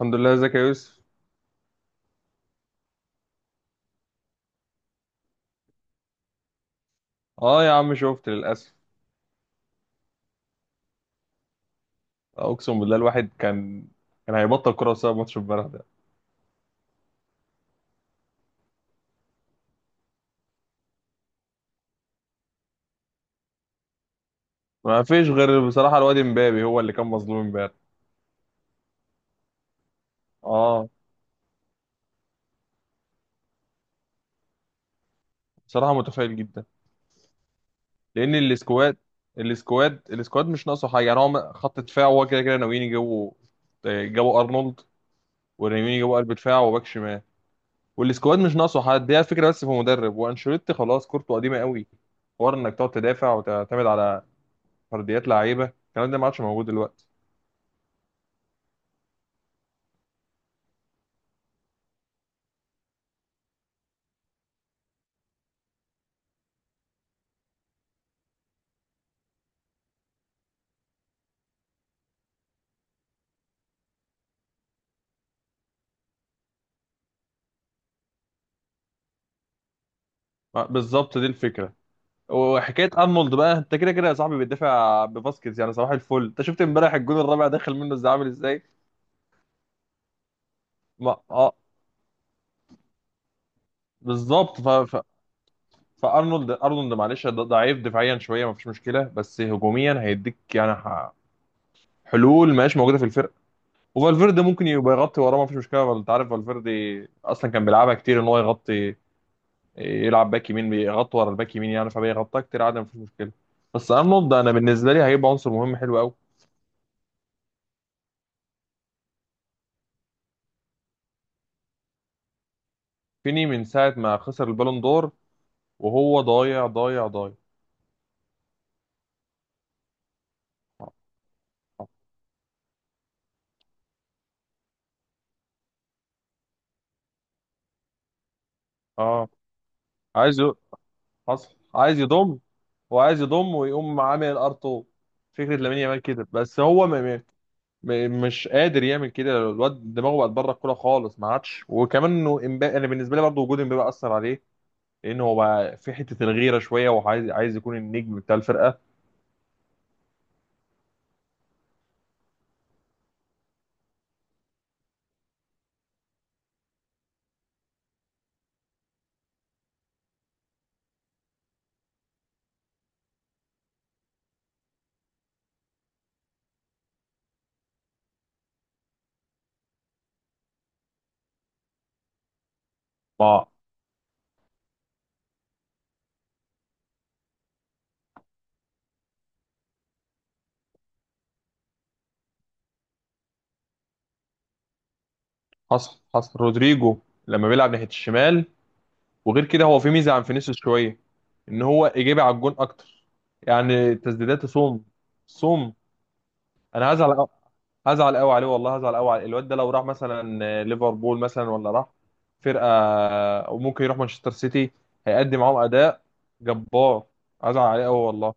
الحمد لله، ازيك يا يوسف. اه يا عم شفت للاسف. اقسم بالله الواحد كان هيبطل كوره بسبب ماتش امبارح ده. ما فيش غير بصراحه، الواد امبابي هو اللي كان مظلوم امبارح. اه، بصراحه متفائل جدا. لان السكواد مش ناقصه حاجه، يعني هو خط دفاع هو كده كده ناويين يجيبوا. جابوا ارنولد، وناويين يجيبوا قلب دفاع وباك شمال. والسكواد مش ناقصه حد، هي الفكره بس في مدرب، وانشيلوتي خلاص كورته قديمه قوي. حوار انك تقعد تدافع وتعتمد على فرديات لعيبه الكلام ده ما عادش موجود دلوقتي. بالظبط دي الفكره. وحكايه ارنولد بقى، انت كده كده يا صاحبي بتدافع بباسكيز، يعني صباح الفل. انت شفت امبارح الجون الرابع داخل منه ازاي، عامل ازاي؟ ما اه بالظبط. ف... ف... فارنولد ارنولد معلش ضعيف دفاعيا شويه ما فيش مشكله، بس هجوميا هيديك يعني حلول ما هيش موجوده في الفرقه. وفالفيردي ممكن يبقى يغطي وراه ما فيش مشكله، انت عارف فالفيردي اصلا كان بيلعبها كتير ان هو يغطي، يلعب باك يمين بيغطي ورا الباك يمين، يعني فبيغطيها كتير عادي ما فيش مشكله. بس ارنولد انا بالنسبه لي هيبقى عنصر مهم حلو قوي. فيني من ساعة ما خسر البالون دور وهو ضايع ضايع ضايع. اه، عايز ي- حصل، عايز يضم، وعايز يضم ويقوم عامل ار2. فكرة لامين يامال كده، بس هو مش قادر يعمل كده، الواد دماغه بقت بره الكوره خالص ما عادش. وكمان انه امبابي، انا بالنسبه لي برضه وجود امبابي اثر عليه، لان هو بقى في حته الغيره شويه، وعايز يكون النجم بتاع الفرقه. ما حصل، حصل رودريجو لما بيلعب ناحيه الشمال، وغير كده هو في ميزه عن فينيسيوس شويه، ان هو ايجابي على الجون اكتر، يعني تسديداته صوم صوم. انا هزعل قوي عليه والله، هزعل قوي على الواد ده لو راح مثلا ليفربول مثلا، ولا راح فرقه وممكن يروح مانشستر سيتي، هيقدم معاهم اداء جبار. هزعل عليه قوي والله.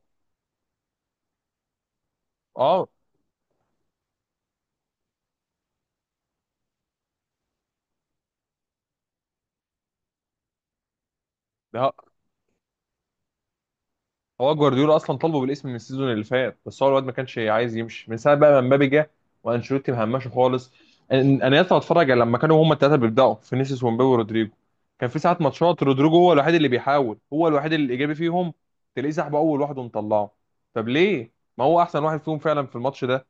اه، ده هو جوارديولا اصلا طالبه بالاسم من السيزون اللي فات، بس هو الواد ما كانش عايز يمشي من ساعه بقى ما مبابي جه وانشيلوتي مهمشه خالص. انا لسه بتفرج على لما كانوا هما الثلاثه بيبداوا، فينيسيوس ومبابي ورودريجو، كان في ساعات ماتشات رودريجو هو الوحيد اللي بيحاول، هو الوحيد الايجابي فيهم، تلاقيه سحبه اول واحد ومطلعه. طب ليه؟ ما هو احسن واحد فيهم فعلا في الماتش ده،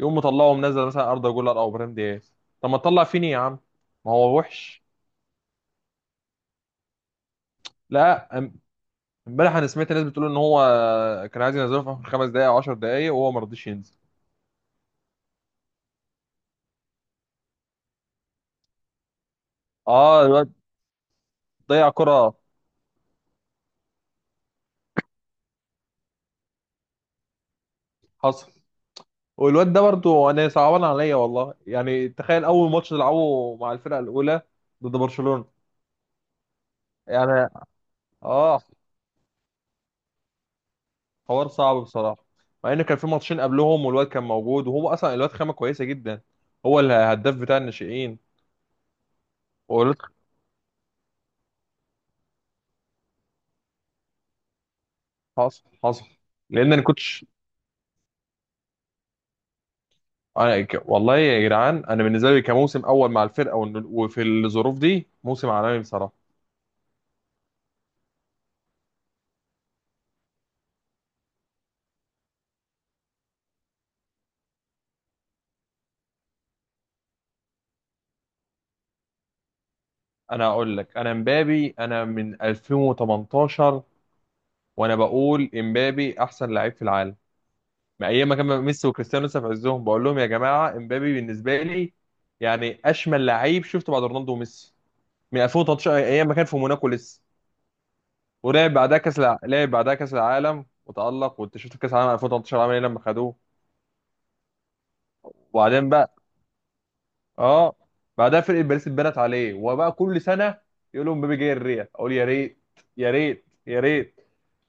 يقوم مطلعه ومنزل مثلا اردا جولر او ابراهيم دياز. طب ما تطلع فيني يا عم، ما هو وحش. لا أم- امبارح انا سمعت ناس بتقول ان هو كان عايز ينزله في اخر 5 دقائق او 10 دقائق وهو ما رضيش ينزل. اه، الواد ضيع كرة. حصل. والواد ده برضو انا صعبان عليا والله، يعني تخيل اول ماتش تلعبه مع الفرقة الاولى ضد برشلونة، يعني. اه، حوار صعب بصراحة، مع ان كان في ماتشين قبلهم والواد كان موجود، وهو اصلا الواد خامة كويسة جدا، هو الهداف بتاع الناشئين. والواد حصل. لان انا كنتش أنا ك... والله يا جدعان، انا بالنسبة لي كموسم اول مع الفرقة وفي الظروف دي موسم عالمي بصراحة. انا اقول لك، انا مبابي انا من 2018 وانا بقول امبابي احسن لعيب في العالم، ما ايام ما كان ميسي وكريستيانو لسه في عزهم بقول لهم يا جماعه امبابي بالنسبه لي يعني اشمل لعيب شفته بعد رونالدو وميسي. من 2013 ايام ما كان في موناكو لسه، ولعب بعدها لعب بعدها كاس العالم وتالق، وانت شفت كاس العالم 2018 عمل ايه لما خدوه. وبعدين بقى، اه، بعدها فرقه باريس اتبنت عليه وبقى كل سنه يقول لهم امبابي جاي الريال، اقول يا ريت يا ريت يا ريت.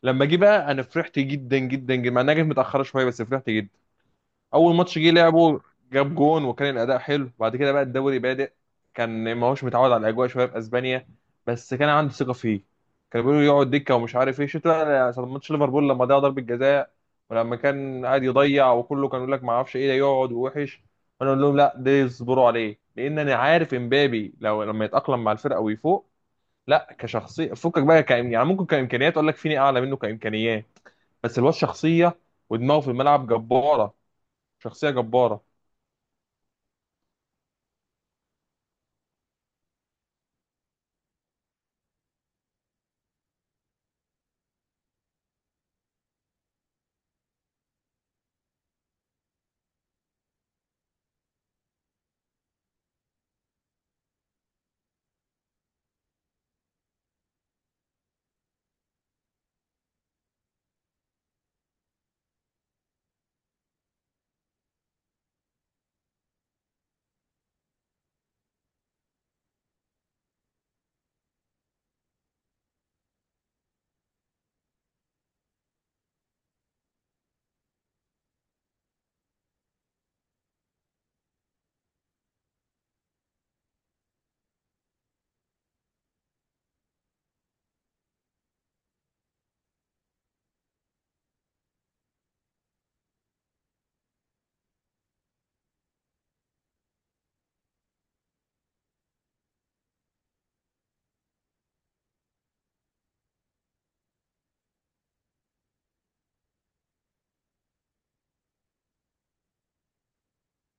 لما جه بقى انا فرحت جدا جدا جدا، مع انها جت متاخره شويه بس فرحت. اول ماتش جه لعبه جاب جون وكان الاداء حلو، بعد كده بقى الدوري بادئ، كان ما هوش متعود على الاجواء شويه في اسبانيا، بس كان عنده ثقه فيه. كان بيقولوا يقعد دكه ومش عارف ايه، شفت بقى ماتش ليفربول لما ضيع ضربه جزاء، ولما كان قاعد يضيع وكله كان يقول لك ما اعرفش ايه ده، يقعد ووحش. وانا اقول لهم لا ده يصبروا عليه، لان انا عارف امبابي لو لما يتاقلم مع الفرقه ويفوق، لا كشخصيه فكك بقى يعني ممكن كامكانيات اقول لك فيني اعلى منه كامكانيات، بس الواد شخصيه، ودماغه في الملعب جباره، شخصيه جباره.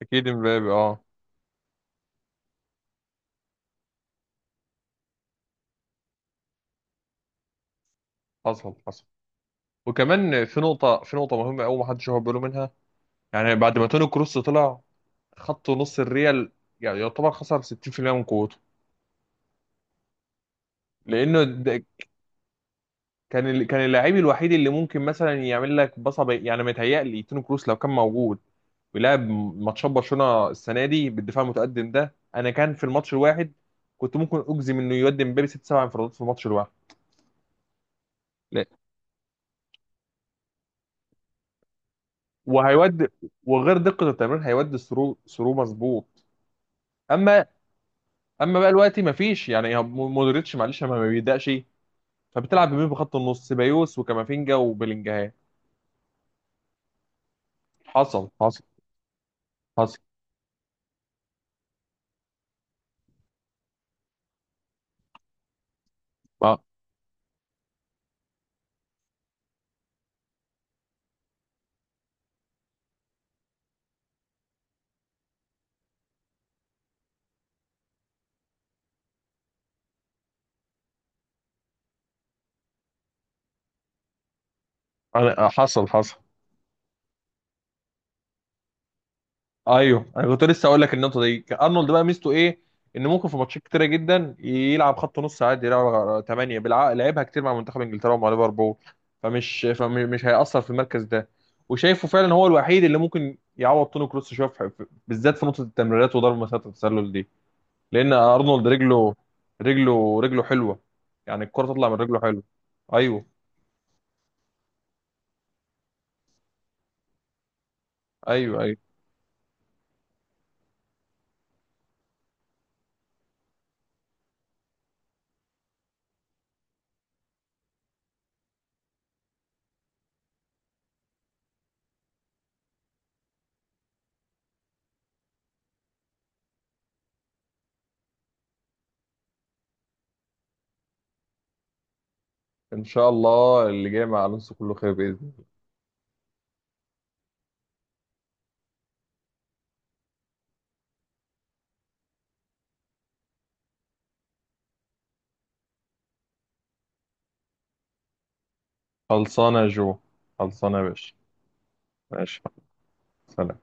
اكيد امبابي، اه. حصل، حصل. وكمان في نقطه مهمه قوي ما حدش واخد باله منها. يعني بعد ما توني كروس طلع خط نص الريال، يعني يعتبر خسر 60% من قوته، لانه ده كان كان اللاعب الوحيد اللي ممكن مثلا يعمل لك بصه يعني متهيألي توني كروس لو كان موجود ويلعب ماتشات برشلونه السنه دي بالدفاع المتقدم ده، انا كان في الماتش الواحد كنت ممكن اجزم انه يودي امبابي ست سبع انفرادات في الماتش الواحد. لا، وهيودي، وغير دقه التمرير هيودي ثرو ثرو مظبوط. اما اما بقى دلوقتي مفيش، يعني هو مودريتش معلش ما بيبدأش، فبتلعب بمين بخط النص؟ سيبايوس وكامافينجا وبلينجهام. حصل، حصل، حصل. اه، انا. حصل، حصل. ايوه، انا كنت لسه اقول لك النقطه دي، ارنولد بقى ميزته ايه؟ ان ممكن في ماتشات كتيره جدا يلعب خط نص عادي، يلعب 8، بيلعب لعبها كتير مع منتخب انجلترا ومع ليفربول، فمش هيأثر في المركز ده. وشايفه فعلا هو الوحيد اللي ممكن يعوض توني كروس شويه بالذات في نقطه التمريرات وضرب مسافه التسلل دي، لان ارنولد رجله حلوه، يعني الكره تطلع من رجله حلوه. ايوه، ايوه، ايوه. ان شاء الله اللي جاي مع الونسو كله خير باذن الله. خلصانه يا جو. خلصانه يا باشا. ماشي. سلام.